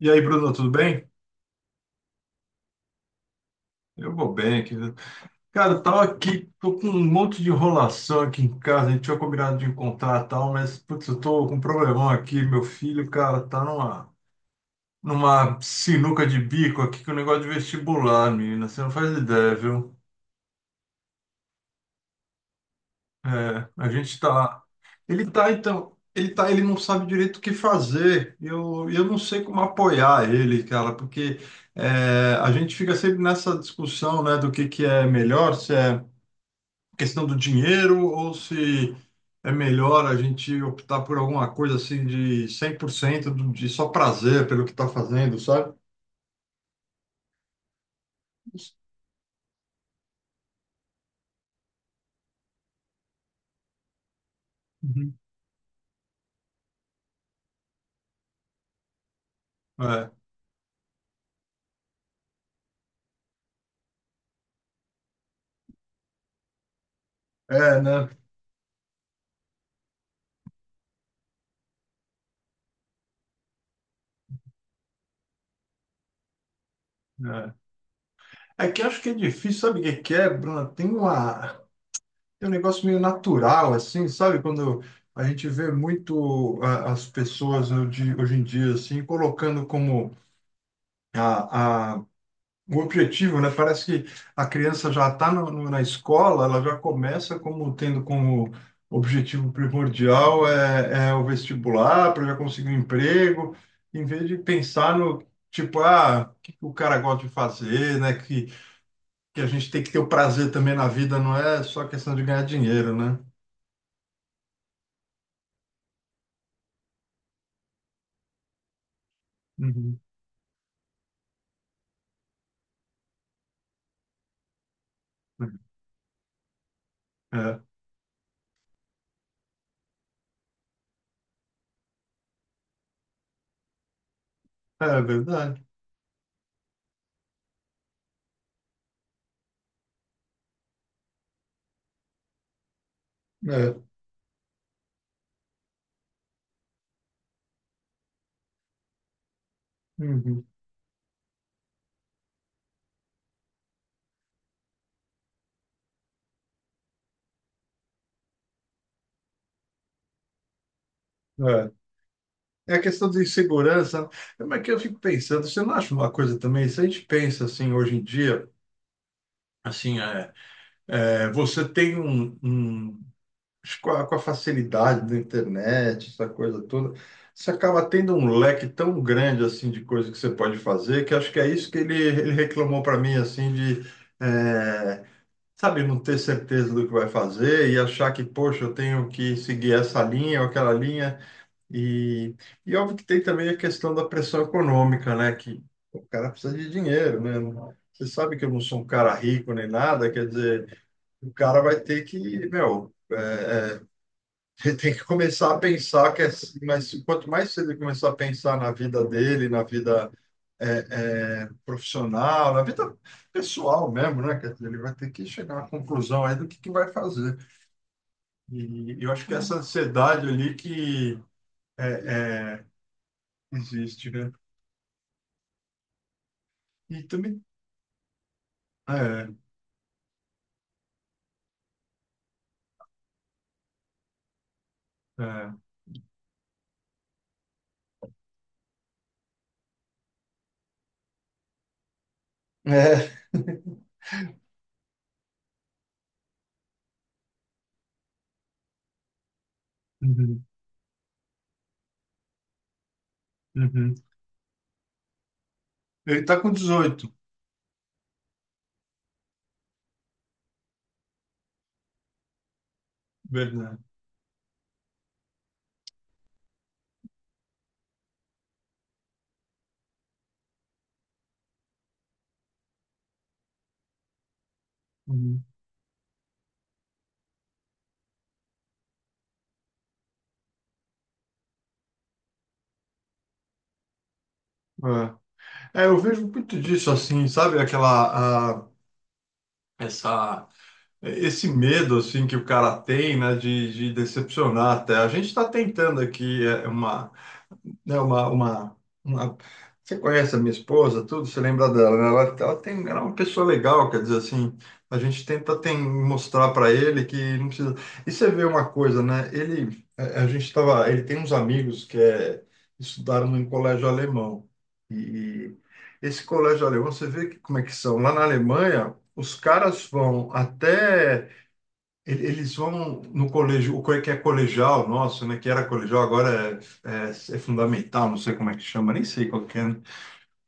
E aí, Bruno, tudo bem? Eu vou bem, querido. Cara, eu tava aqui, tô com um monte de enrolação aqui em casa. A gente tinha combinado de encontrar e tal, mas, putz, eu tô com um problemão aqui. Meu filho, cara, tá numa, numa sinuca de bico aqui com o negócio de vestibular, menina. Você não faz ideia, viu? É, a gente tá. Ele tá, então. Ele tá, ele não sabe direito o que fazer. Eu não sei como apoiar ele, cara, porque é, a gente fica sempre nessa discussão, né, do que é melhor, se é questão do dinheiro ou se é melhor a gente optar por alguma coisa assim de 100% do- de só prazer pelo que está fazendo, sabe? Uhum. É, é, né? É. É que acho que é difícil, sabe o que que é, Bruna? Tem uma, tem um negócio meio natural, assim, sabe? Quando a gente vê muito a- as pessoas hoje, hoje em dia, assim, colocando como a, o objetivo, né? Parece que a criança já está na escola, ela já começa como tendo como objetivo primordial é, é o vestibular para já conseguir um emprego, em vez de pensar no tipo, ah, o que que o cara gosta de fazer, né? Que a gente tem que ter o prazer também na vida, não é só questão de ganhar dinheiro, né? Uhum. É, é verdade. É. Uhum. É. É a questão de segurança, mas é que eu fico pensando, você não acha uma coisa também? Se a gente pensa assim hoje em dia, assim, é, é, você tem um, um- acho que com a facilidade da internet, essa coisa toda, você acaba tendo um leque tão grande assim de coisa que você pode fazer, que acho que é isso que ele reclamou para mim assim de, é, sabe, não ter certeza do que vai fazer e achar que, poxa, eu tenho que seguir essa linha ou aquela linha. E, e óbvio que tem também a questão da pressão econômica, né? Que o cara precisa de dinheiro, né? Você sabe que eu não sou um cara rico nem nada, quer dizer, o cara vai ter que, meu, ele tem que começar a pensar que é, mas quanto mais cedo ele começar a pensar na vida dele, na vida é, é, profissional, na vida pessoal mesmo, né? Quer dizer, ele vai ter que chegar à conclusão aí do que vai fazer. E eu acho que essa ansiedade ali que é, é, existe, né? E também é, é. É. Uhum, uhum. Ele tá com 18, verdade. Uhum. É. É, eu vejo muito disso assim, sabe? Aquela, a- essa, esse medo assim que o cara tem, né, de decepcionar até. A gente está tentando aqui é, uma né, uma- Você conhece a minha esposa, tudo, você lembra dela, né? Ela tem, ela é uma pessoa legal, quer dizer assim, a gente tenta tem, mostrar para ele que não precisa. E você vê uma coisa, né? Ele, a gente tava, ele tem uns amigos que é, estudaram em colégio alemão. E esse colégio alemão, você vê que, como é que são. Lá na Alemanha, os caras vão até ele- Eles vão no colégio, o que é colegial nosso, né? Que era colegial, agora é, é- é fundamental, não sei como é que chama, nem sei qual que é, né?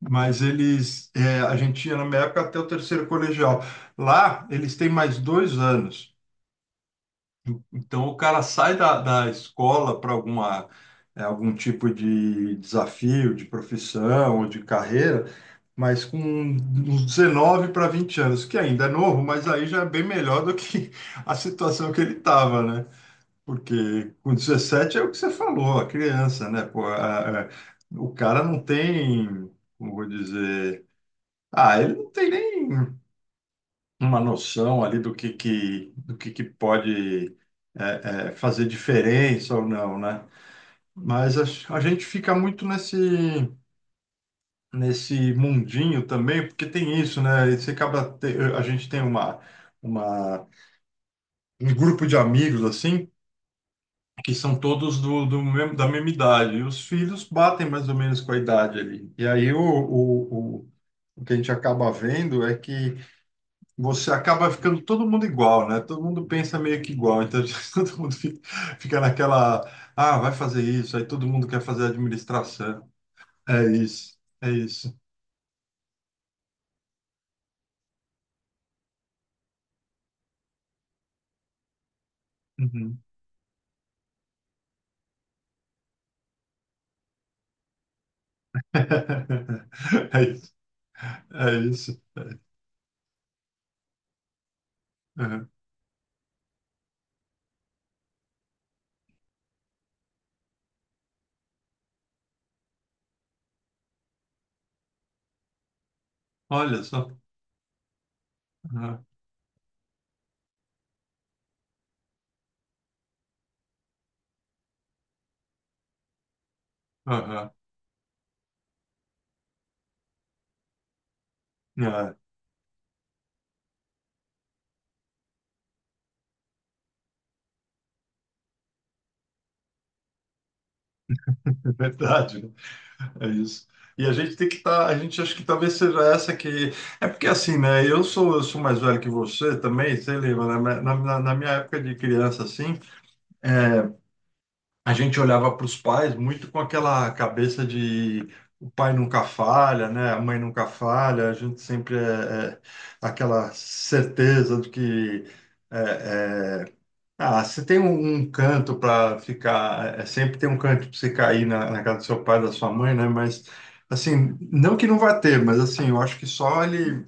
Mas eles, é, a gente ia na minha época até o terceiro colegial. Lá, eles têm mais dois anos. Então, o cara sai da, da escola para alguma, é, algum tipo de desafio, de profissão ou de carreira, mas com uns 19 para 20 anos, que ainda é novo, mas aí já é bem melhor do que a situação que ele estava, né? Porque com 17 é o que você falou, a criança, né? Pô, a- o cara não tem, como vou dizer, ah, ele não tem nem uma noção ali do que pode é, é, fazer diferença ou não, né? Mas a gente fica muito nesse nesse mundinho também, porque tem isso, né? Você acaba te- a gente tem uma um grupo de amigos assim que são todos do, do mesmo- da mesma idade. E os filhos batem mais ou menos com a idade ali. E aí o que a gente acaba vendo é que você acaba ficando todo mundo igual, né? Todo mundo pensa meio que igual. Então todo mundo fica, fica naquela, ah, vai fazer isso. Aí todo mundo quer fazer administração. É isso, é isso. Uhum. É isso, é isso. Uhum. Olha só. Uhum. Uhum. É é verdade. Né? É isso. E a gente tem que estar, a gente acha que talvez seja essa que. É porque assim, né? Eu sou mais velho que você também, você lembra, né? Na, na, na minha época de criança, assim, é, a gente olhava para os pais muito com aquela cabeça de o pai nunca falha, né? A mãe nunca falha, a gente sempre é, é aquela certeza de que. É, é, ah, você tem um, um canto para ficar, é, é, sempre tem um canto para você cair na, na casa do seu pai, da sua mãe, né? Mas, assim, não que não vá ter, mas, assim, eu acho que só ele.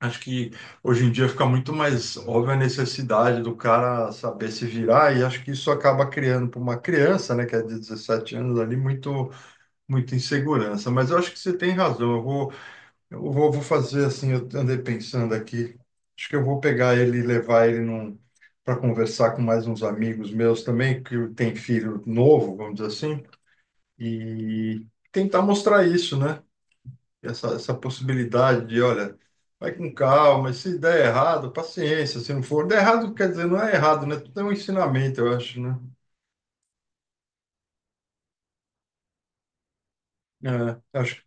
Acho que hoje em dia fica muito mais óbvia a necessidade do cara saber se virar, e acho que isso acaba criando para uma criança, né, que é de 17 anos ali, muito, muita insegurança. Mas eu acho que você tem razão, eu vou. Eu vou, vou fazer assim, eu andei pensando aqui. Acho que eu vou pegar ele e levar ele num, para conversar com mais uns amigos meus também, que tem filho novo, vamos dizer assim, e tentar mostrar isso, né? Essa possibilidade de, olha, vai com calma, e se der errado, paciência, se não for. Der errado, quer dizer, não é errado, né? Tudo é um ensinamento, eu acho, né? É, acho.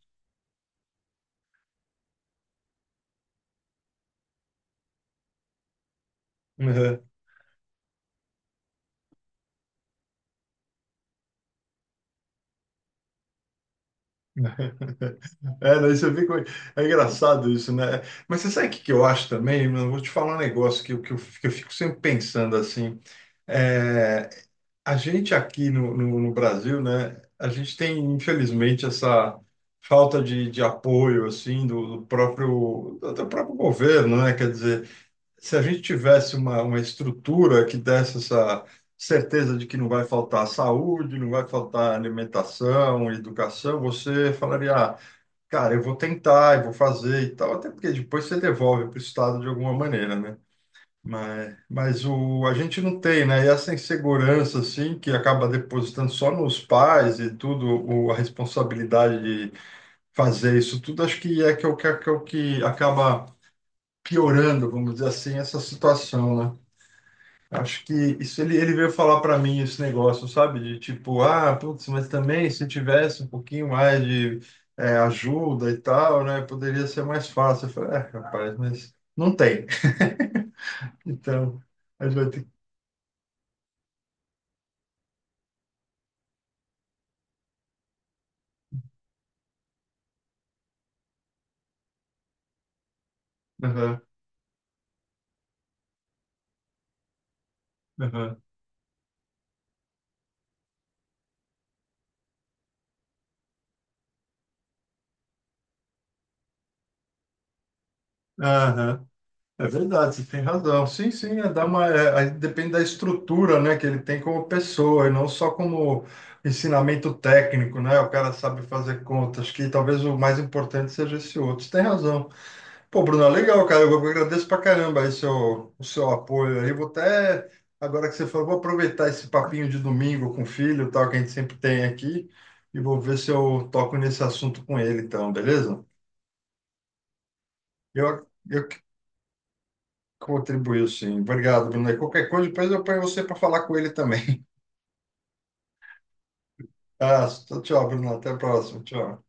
É, daí você fica. É é engraçado isso, né? Mas você sabe o que que eu acho também? Mano? Vou te falar um negócio que, eu- que, eu, que eu fico sempre pensando assim. É, a gente aqui no, no, no Brasil, né? A gente tem, infelizmente, essa falta de apoio, assim, do, do próprio governo, né? Quer dizer, se a gente tivesse uma estrutura que desse essa certeza de que não vai faltar saúde, não vai faltar alimentação, educação, você falaria. "Ah, cara, eu vou tentar, eu vou fazer e tal, até porque depois você devolve para o Estado de alguma maneira, né? Mas o, a gente não tem, né? E essa insegurança, assim, que acaba depositando só nos pais e tudo, o, a responsabilidade de fazer isso tudo, acho que é o que, é o que acaba piorando, vamos dizer assim, essa situação, né? Acho que isso ele, ele veio falar para mim esse negócio, sabe? De tipo, ah, putz, mas também se tivesse um pouquinho mais de é, ajuda e tal, né? Poderia ser mais fácil. Eu falei, é, rapaz, mas não tem. Então, a gente vai ter que. Aham, aham, aham. É verdade, você tem razão. Sim, sim, é dar uma, é, aí depende da estrutura, né, que ele tem como pessoa, e não só como ensinamento técnico, né? O cara sabe fazer conta. Acho que talvez o mais importante seja esse outro. Você tem razão. Pô, Bruno, legal, cara. Eu agradeço pra caramba aí seu, o seu apoio aí. Vou até, agora que você falou, vou aproveitar esse papinho de domingo com o filho, e tal, que a gente sempre tem aqui, e vou ver se eu toco nesse assunto com ele, então, beleza? Eu que contribuo, sim. Obrigado, Bruno. E qualquer coisa, depois eu ponho você para falar com ele também. Ah, tchau, Bruno. Até a próxima. Tchau.